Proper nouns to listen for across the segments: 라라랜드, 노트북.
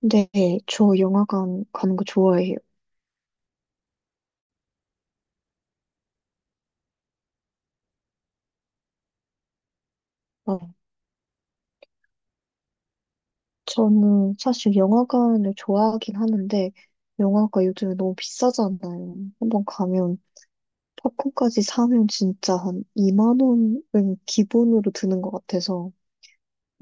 네, 저 영화관 가는 거 좋아해요. 어, 저는 사실 영화관을 좋아하긴 하는데, 영화가 요즘에 너무 비싸잖아요. 한번 가면, 팝콘까지 사면 진짜 한 2만 원은 기본으로 드는 것 같아서,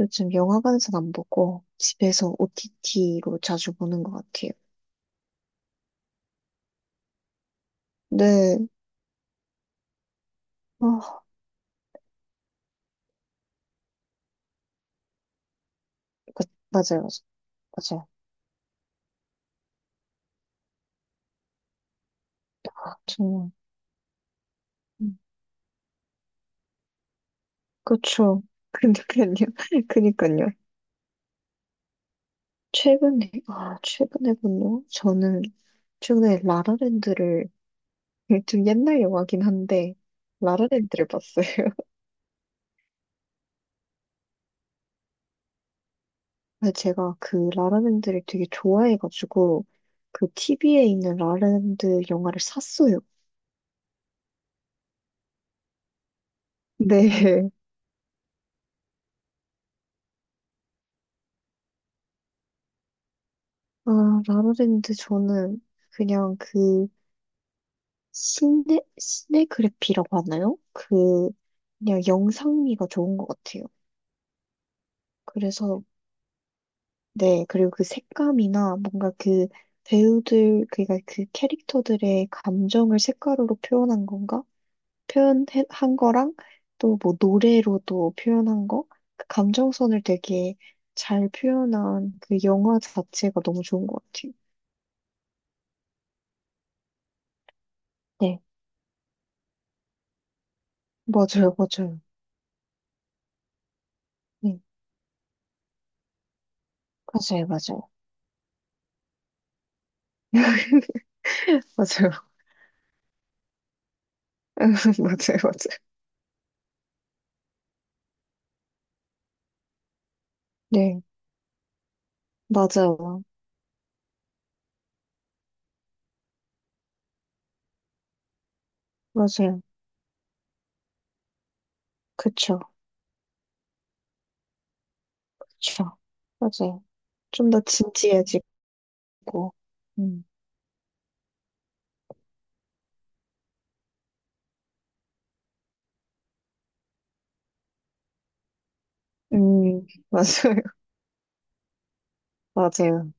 요즘 영화관에서 안 보고, 집에서 OTT로 자주 보는 것 같아요. 네, 아, 그, 맞아요, 맞아요. 맞아요. 아, 정말. 음, 그렇죠. 그니까요. 그니까요. 최근에 본 영화? 저는 최근에 라라랜드를, 좀 옛날 영화긴 한데, 라라랜드를 봤어요. 근데 제가 그 라라랜드를 되게 좋아해가지고, 그 TV에 있는 라라랜드 영화를 샀어요. 네. 아, 라라랜드 저는 그냥 시네그래피라고 하나요? 그냥 영상미가 좋은 것 같아요. 그래서 네, 그리고 그 색감이나 뭔가 그 배우들, 그니까 그 캐릭터들의 감정을 색깔로 표현한 건가? 표현한 거랑 또 뭐 노래로도 표현한 거? 그 감정선을 되게 잘 표현한 그 영화 자체가 너무 좋은 것 같아요. 네, 맞아요, 맞아요. 네, 맞아요, 맞아요. 맞아요. 맞아요, 맞아요. 네, 맞아요. 맞아요. 그쵸, 그쵸. 맞아요. 좀 더 진지해지고, 음. 맞아요. 맞아요.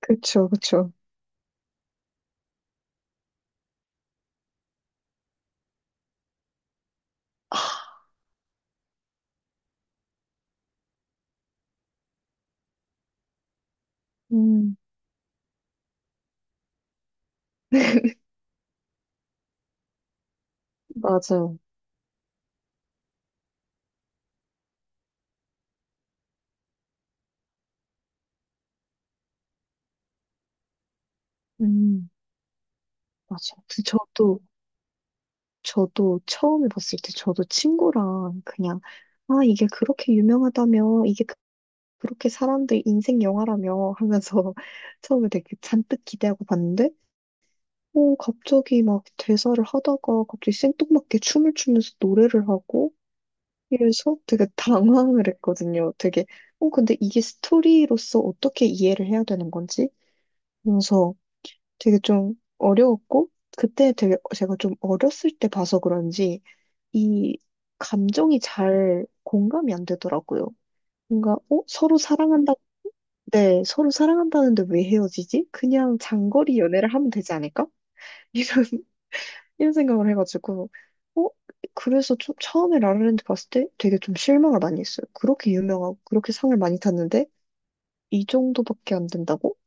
그쵸, 그쵸. 아, 음, 맞아요. 음, 맞아요. 근데 저도 처음에 봤을 때 저도 친구랑 그냥, 아, 이게 그렇게 유명하다며, 이게 그렇게 사람들 인생 영화라며 하면서 처음에 되게 잔뜩 기대하고 봤는데, 갑자기 막 대사를 하다가 갑자기 생뚱맞게 춤을 추면서 노래를 하고, 그래서 되게 당황을 했거든요. 되게, 근데 이게 스토리로서 어떻게 이해를 해야 되는 건지? 그래서 되게 좀 어려웠고, 그때 되게 제가 좀 어렸을 때 봐서 그런지, 이 감정이 잘 공감이 안 되더라고요. 뭔가, 서로 사랑한다, 네, 서로 사랑한다는데 왜 헤어지지? 그냥 장거리 연애를 하면 되지 않을까? 이런 이런 생각을 해가지고, 어? 그래서 좀 처음에 라라랜드 봤을 때 되게 좀 실망을 많이 했어요. 그렇게 유명하고 그렇게 상을 많이 탔는데 이 정도밖에 안 된다고?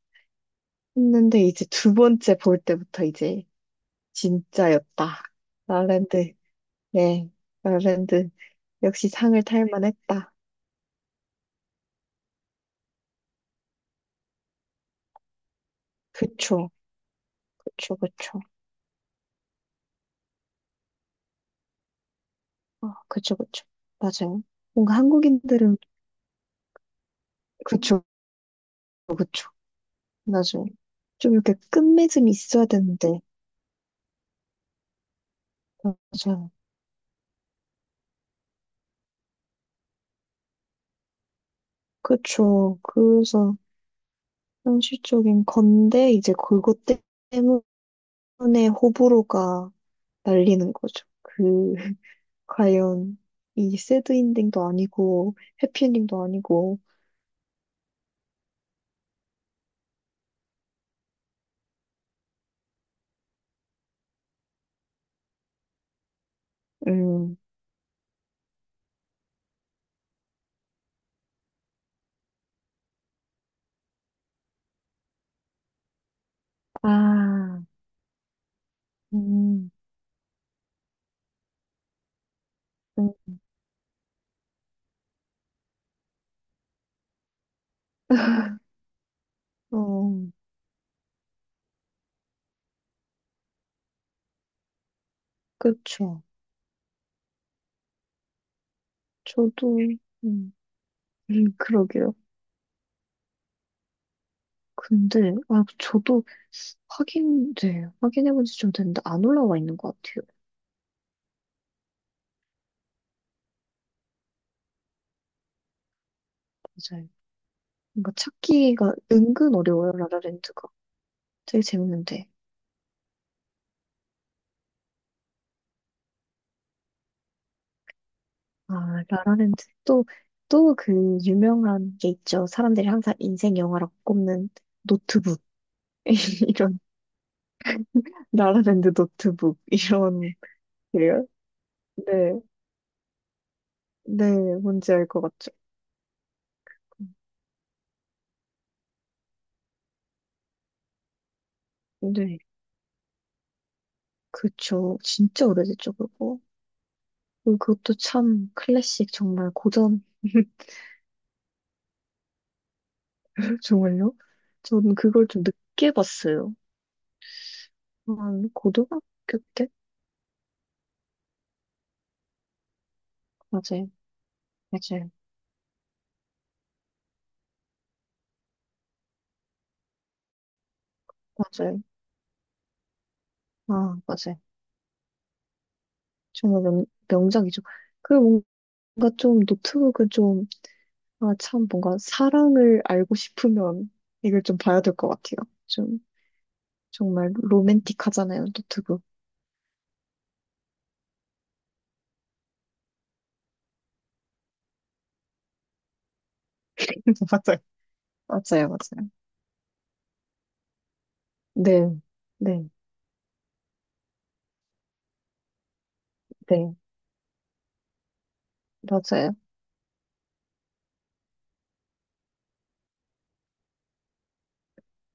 했는데 이제 두 번째 볼 때부터 이제 진짜였다. 라라랜드, 네, 라라랜드 역시 상을 탈 만했다. 그쵸, 그쵸, 그쵸. 아, 그쵸, 그쵸. 맞아요. 뭔가 한국인들은 그쵸, 그쵸. 맞아요. 좀 이렇게 끝맺음이 있어야 되는데, 맞아요. 그쵸. 그래서 현실적인 건데, 이제 그것 때문에 호불호가 날리는 거죠. 그, 과연, 이 새드엔딩도 아니고, 해피엔딩도 아니고, 음, 아, 음, 음, 어, 그쵸. 저도, 음, 그러게요. 근데, 아, 저도 확인, 네, 확인해본 지 좀 됐는데, 안 올라와 있는 것 같아요. 맞아요. 뭔가 찾기가 은근 어려워요, 라라랜드가. 되게 재밌는데. 아, 라라랜드. 또, 또 그 유명한 게 있죠. 사람들이 항상 인생 영화라고 꼽는 노트북. 이런, 라라랜드 노트북. 이런, 그래요? 네, 네, 뭔지 알 것 같죠. 네, 그쵸. 진짜 오래됐죠, 그거. 그리고 그것도 참 클래식, 정말 고전. 정말요? 저는 그걸 좀 늦게 봤어요. 한 고등학교 때? 맞아요, 맞아요, 맞아요. 아, 맞아요. 정말 명작이죠. 그 뭔가 좀 노트북은 좀, 아, 참 뭔가 사랑을 알고 싶으면 이걸 좀 봐야 될 것 같아요. 좀 정말 로맨틱하잖아요, 노트북. 맞아요. 맞아요, 맞아요. 네, 네, 네, 맞아요.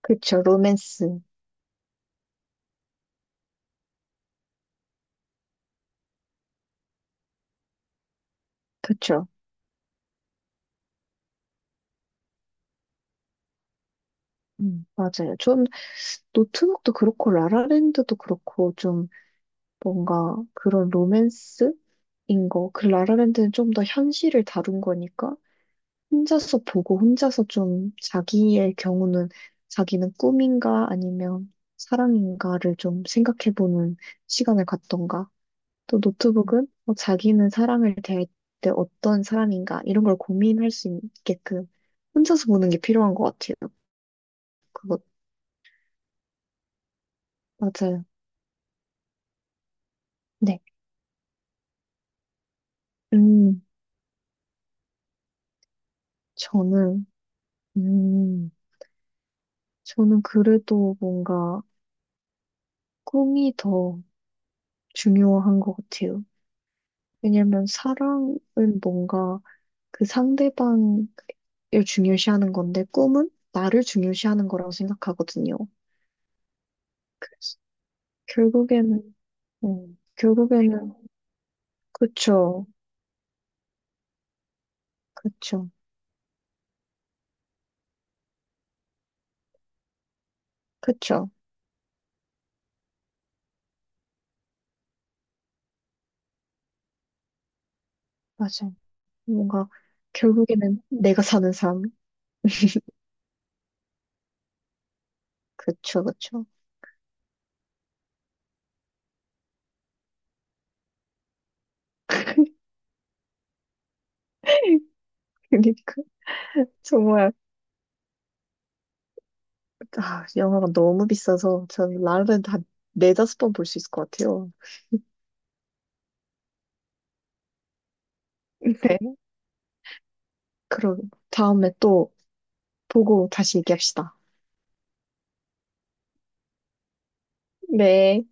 그쵸, 로맨스. 그쵸. 맞아요. 좀 노트북도 그렇고 라라랜드도 그렇고 좀 뭔가 그런 로맨스? 인 거. 그 라라랜드는 좀 더 현실을 다룬 거니까 혼자서 보고 혼자서 좀 자기의 경우는 자기는 꿈인가 아니면 사랑인가를 좀 생각해보는 시간을 갖던가 또 노트북은 뭐 자기는 사랑을 대할 때 어떤 사람인가 이런 걸 고민할 수 있게끔 혼자서 보는 게 필요한 것 같아요. 그거 맞아요. 네. 음, 저는 음, 저는 그래도 뭔가 꿈이 더 중요한 것 같아요. 왜냐면 사랑은 뭔가 그 상대방을 중요시하는 건데 꿈은 나를 중요시하는 거라고 생각하거든요. 그래서 결국에는, 결국에는, 그쵸, 그쵸, 그쵸, 맞아요. 뭔가 결국에는 내가 사는 삶, 그쵸, 그쵸. 그러니까 정말 아, 영화가 너무 비싸서 전 라라랜드 한 네다섯 번 볼 수 있을 것 같아요. 네. 그럼 다음에 또 보고 다시 얘기합시다. 네.